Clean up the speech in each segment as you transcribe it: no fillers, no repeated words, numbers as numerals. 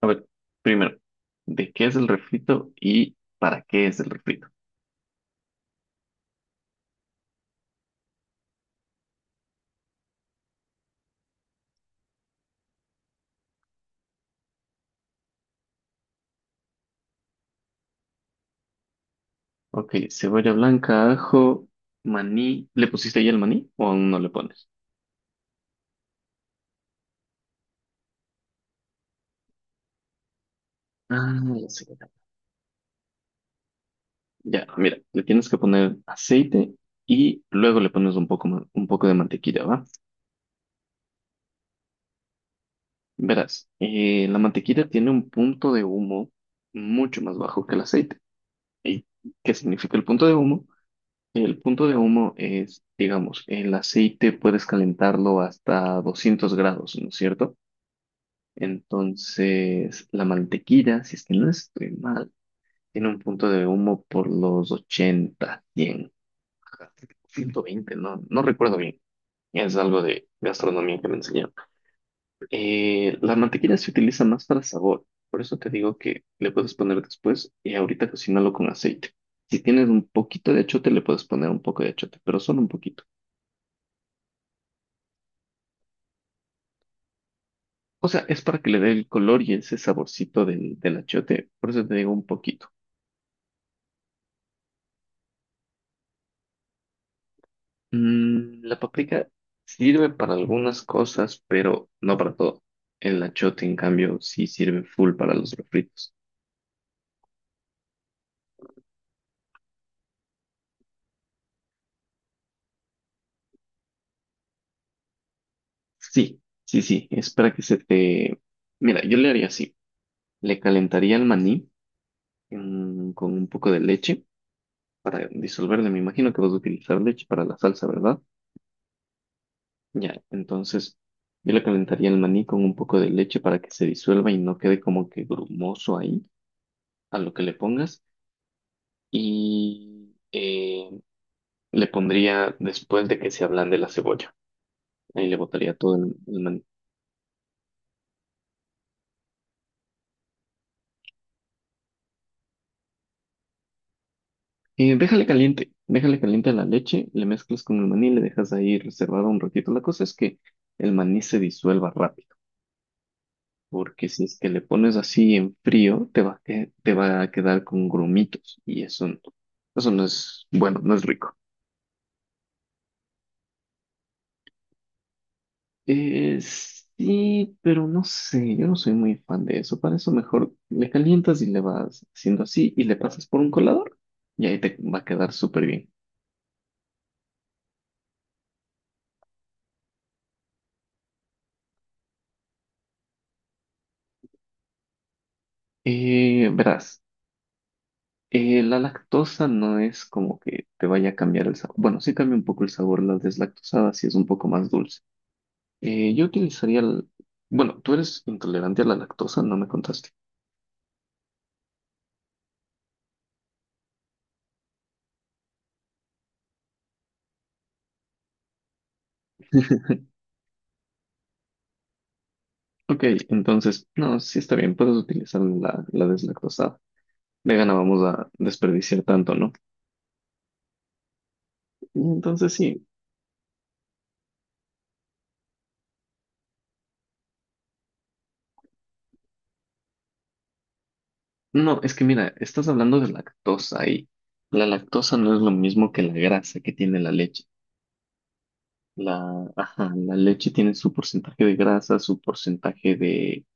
A ver, primero, ¿de qué es el refrito y para qué es el refrito? Ok, cebolla blanca, ajo, maní. ¿Le pusiste ya el maní o aún no le pones? Ah, la cebolla. Ya, mira, le tienes que poner aceite y luego le pones un poco de mantequilla, ¿va? Verás, la mantequilla tiene un punto de humo mucho más bajo que el aceite. ¿Y qué significa el punto de humo? El punto de humo es, digamos, el aceite puedes calentarlo hasta 200 grados, ¿no es cierto? Entonces, la mantequilla, si es que no estoy mal, tiene un punto de humo por los 80, 100, 120, no, no recuerdo bien. Es algo de gastronomía que me enseñaron. La mantequilla se utiliza más para sabor, por eso te digo que le puedes poner después y ahorita cocínalo con aceite. Si tienes un poquito de achiote, le puedes poner un poco de achiote, pero solo un poquito. O sea, es para que le dé el color y ese saborcito del achiote. Por eso te digo un poquito. La paprika sirve para algunas cosas, pero no para todo. El achiote, en cambio, sí sirve full para los refritos. Sí, sí, sí. Es para que se te... Mira, yo le haría así. Le calentaría el maní con un poco de leche para disolverle. Me imagino que vas a utilizar leche para la salsa, ¿verdad? Ya, entonces yo le calentaría el maní con un poco de leche para que se disuelva y no quede como que grumoso ahí a lo que le pongas. Y le pondría después de que se ablande la cebolla. Ahí le botaría todo el maní. Déjale caliente, déjale caliente la leche, le mezclas con el maní, le dejas ahí reservado un ratito. La cosa es que el maní se disuelva rápido, porque si es que le pones así en frío, te va a quedar con grumitos y eso, eso no es bueno, no es rico. Eh, sí, pero no sé, yo no soy muy fan de eso. Para eso mejor le calientas y le vas haciendo así y le pasas por un colador y ahí te va a quedar súper bien. Verás, la lactosa no es como que te vaya a cambiar el sabor. Bueno, sí cambia un poco el sabor, la deslactosada sí es un poco más dulce. Yo utilizaría el... Bueno, tú eres intolerante a la lactosa, no me contaste. Ok, entonces, no, sí está bien, puedes utilizar la deslactosada. Vegana, vamos a desperdiciar tanto, ¿no? Entonces sí, no, es que mira, estás hablando de lactosa y la lactosa no es lo mismo que la grasa que tiene la leche. Ajá, la leche tiene su porcentaje de grasa, su porcentaje de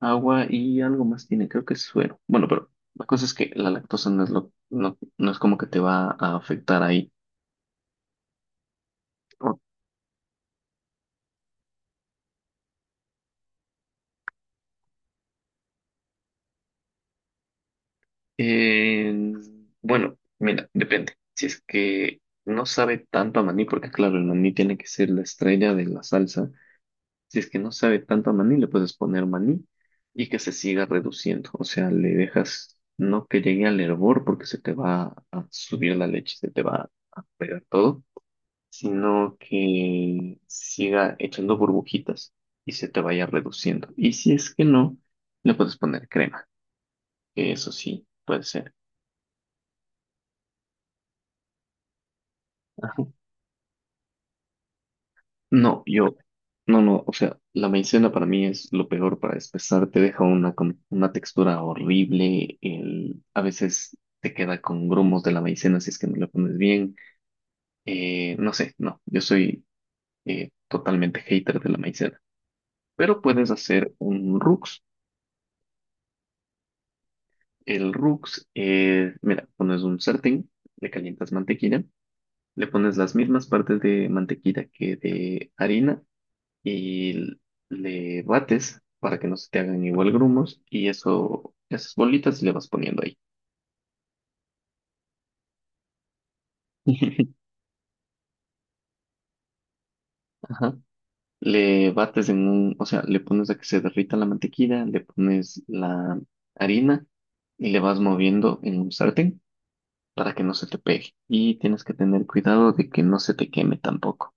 agua y algo más tiene, creo que es suero. Bueno, pero la cosa es que la lactosa no es lo, no, no es como que te va a afectar ahí. O- eh, bueno, mira, depende. Si es que no sabe tanto a maní, porque claro, el maní tiene que ser la estrella de la salsa. Si es que no sabe tanto a maní, le puedes poner maní y que se siga reduciendo. O sea, le dejas, no que llegue al hervor porque se te va a subir la leche, se te va a pegar todo, sino que siga echando burbujitas y se te vaya reduciendo. Y si es que no, le puedes poner crema, que eso sí puede ser. No, yo, no, no, o sea, la maicena para mí es lo peor para despezar, te deja una, con una textura horrible, el, a veces te queda con grumos de la maicena si es que no le pones bien, no sé, no, yo soy totalmente hater de la maicena, pero puedes hacer un rux. El rux, mira, pones un sartén, le calientas mantequilla, le pones las mismas partes de mantequilla que de harina, y le bates para que no se te hagan igual grumos y eso, esas bolitas le vas poniendo ahí. Ajá. Le bates en un, o sea, le pones a que se derrita la mantequilla, le pones la harina y le vas moviendo en un sartén para que no se te pegue. Y tienes que tener cuidado de que no se te queme tampoco.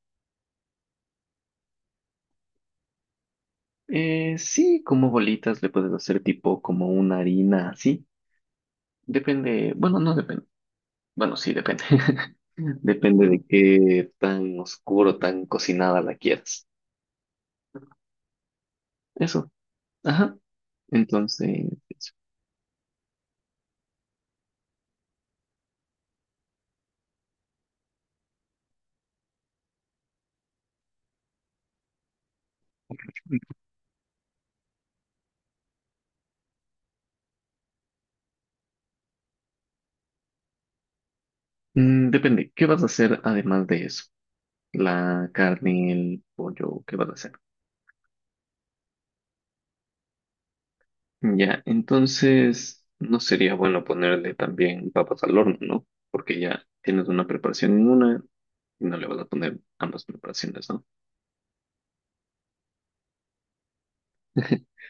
Sí, como bolitas le puedes hacer tipo como una harina así. Depende, bueno, no depende. Bueno, sí, depende. Depende de qué tan oscuro, tan cocinada la quieras. Eso. Ajá. Entonces, eso. Mm, depende. ¿Qué vas a hacer además de eso? La carne, el pollo, ¿qué vas a hacer? Ya, entonces no sería bueno ponerle también papas al horno, ¿no? Porque ya tienes una preparación en una y no le vas a poner ambas preparaciones, ¿no?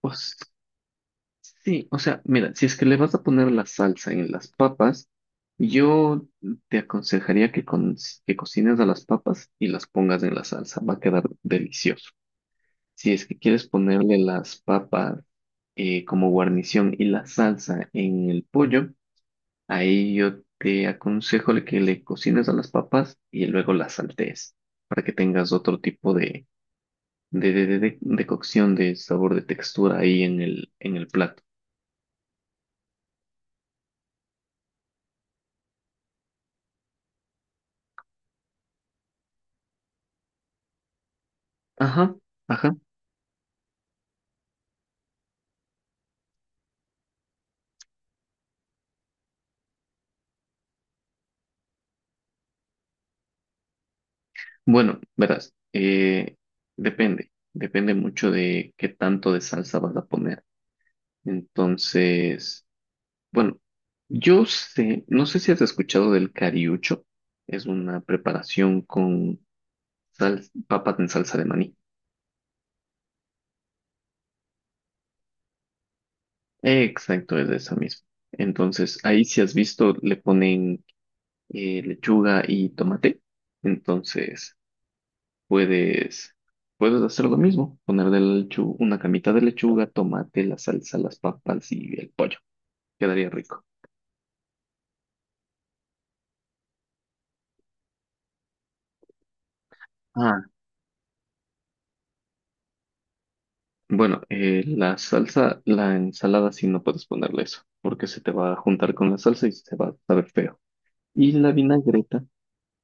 Pues sí, o sea, mira, si es que le vas a poner la salsa en las papas, yo te aconsejaría que, que cocines a las papas y las pongas en la salsa, va a quedar delicioso. Si es que quieres ponerle las papas como guarnición y la salsa en el pollo, ahí yo te aconsejo que le cocines a las papas y luego las saltees para que tengas otro tipo de cocción, de sabor, de textura ahí en el plato. Ajá. Ajá. Bueno, verás, depende, depende mucho de qué tanto de salsa vas a poner. Entonces, bueno, yo sé, no sé si has escuchado del cariucho, es una preparación con papas en salsa de maní. Exacto, es de esa misma. Entonces, ahí si has visto, le ponen lechuga y tomate. Entonces, puedes, puedes hacer lo mismo, poner de una camita de lechuga, tomate, la salsa, las papas y el pollo. Quedaría rico. Ah, bueno, la ensalada sí no puedes ponerle eso, porque se te va a juntar con la salsa y se va a saber feo. Y la vinagreta,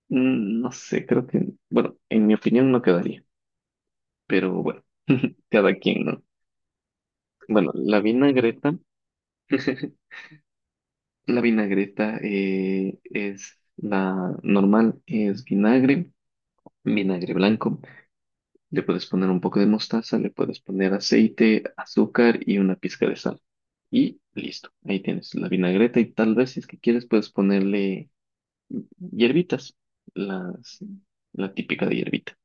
no sé, creo que, bueno, en mi opinión no quedaría, pero bueno, cada quien, ¿no? Bueno, la vinagreta, la vinagreta es la normal, es vinagre blanco, le puedes poner un poco de mostaza, le puedes poner aceite, azúcar y una pizca de sal. Y listo, ahí tienes la vinagreta y tal vez si es que quieres puedes ponerle hierbitas, las, la típica de hierbita.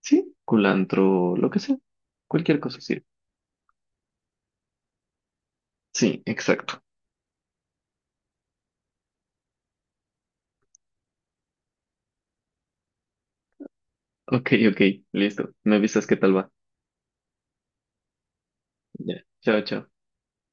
Sí, culantro, lo que sea, cualquier cosa sirve. Sí, exacto. Ok, ok, listo. Me avisas qué tal va. Ya, chao, chao.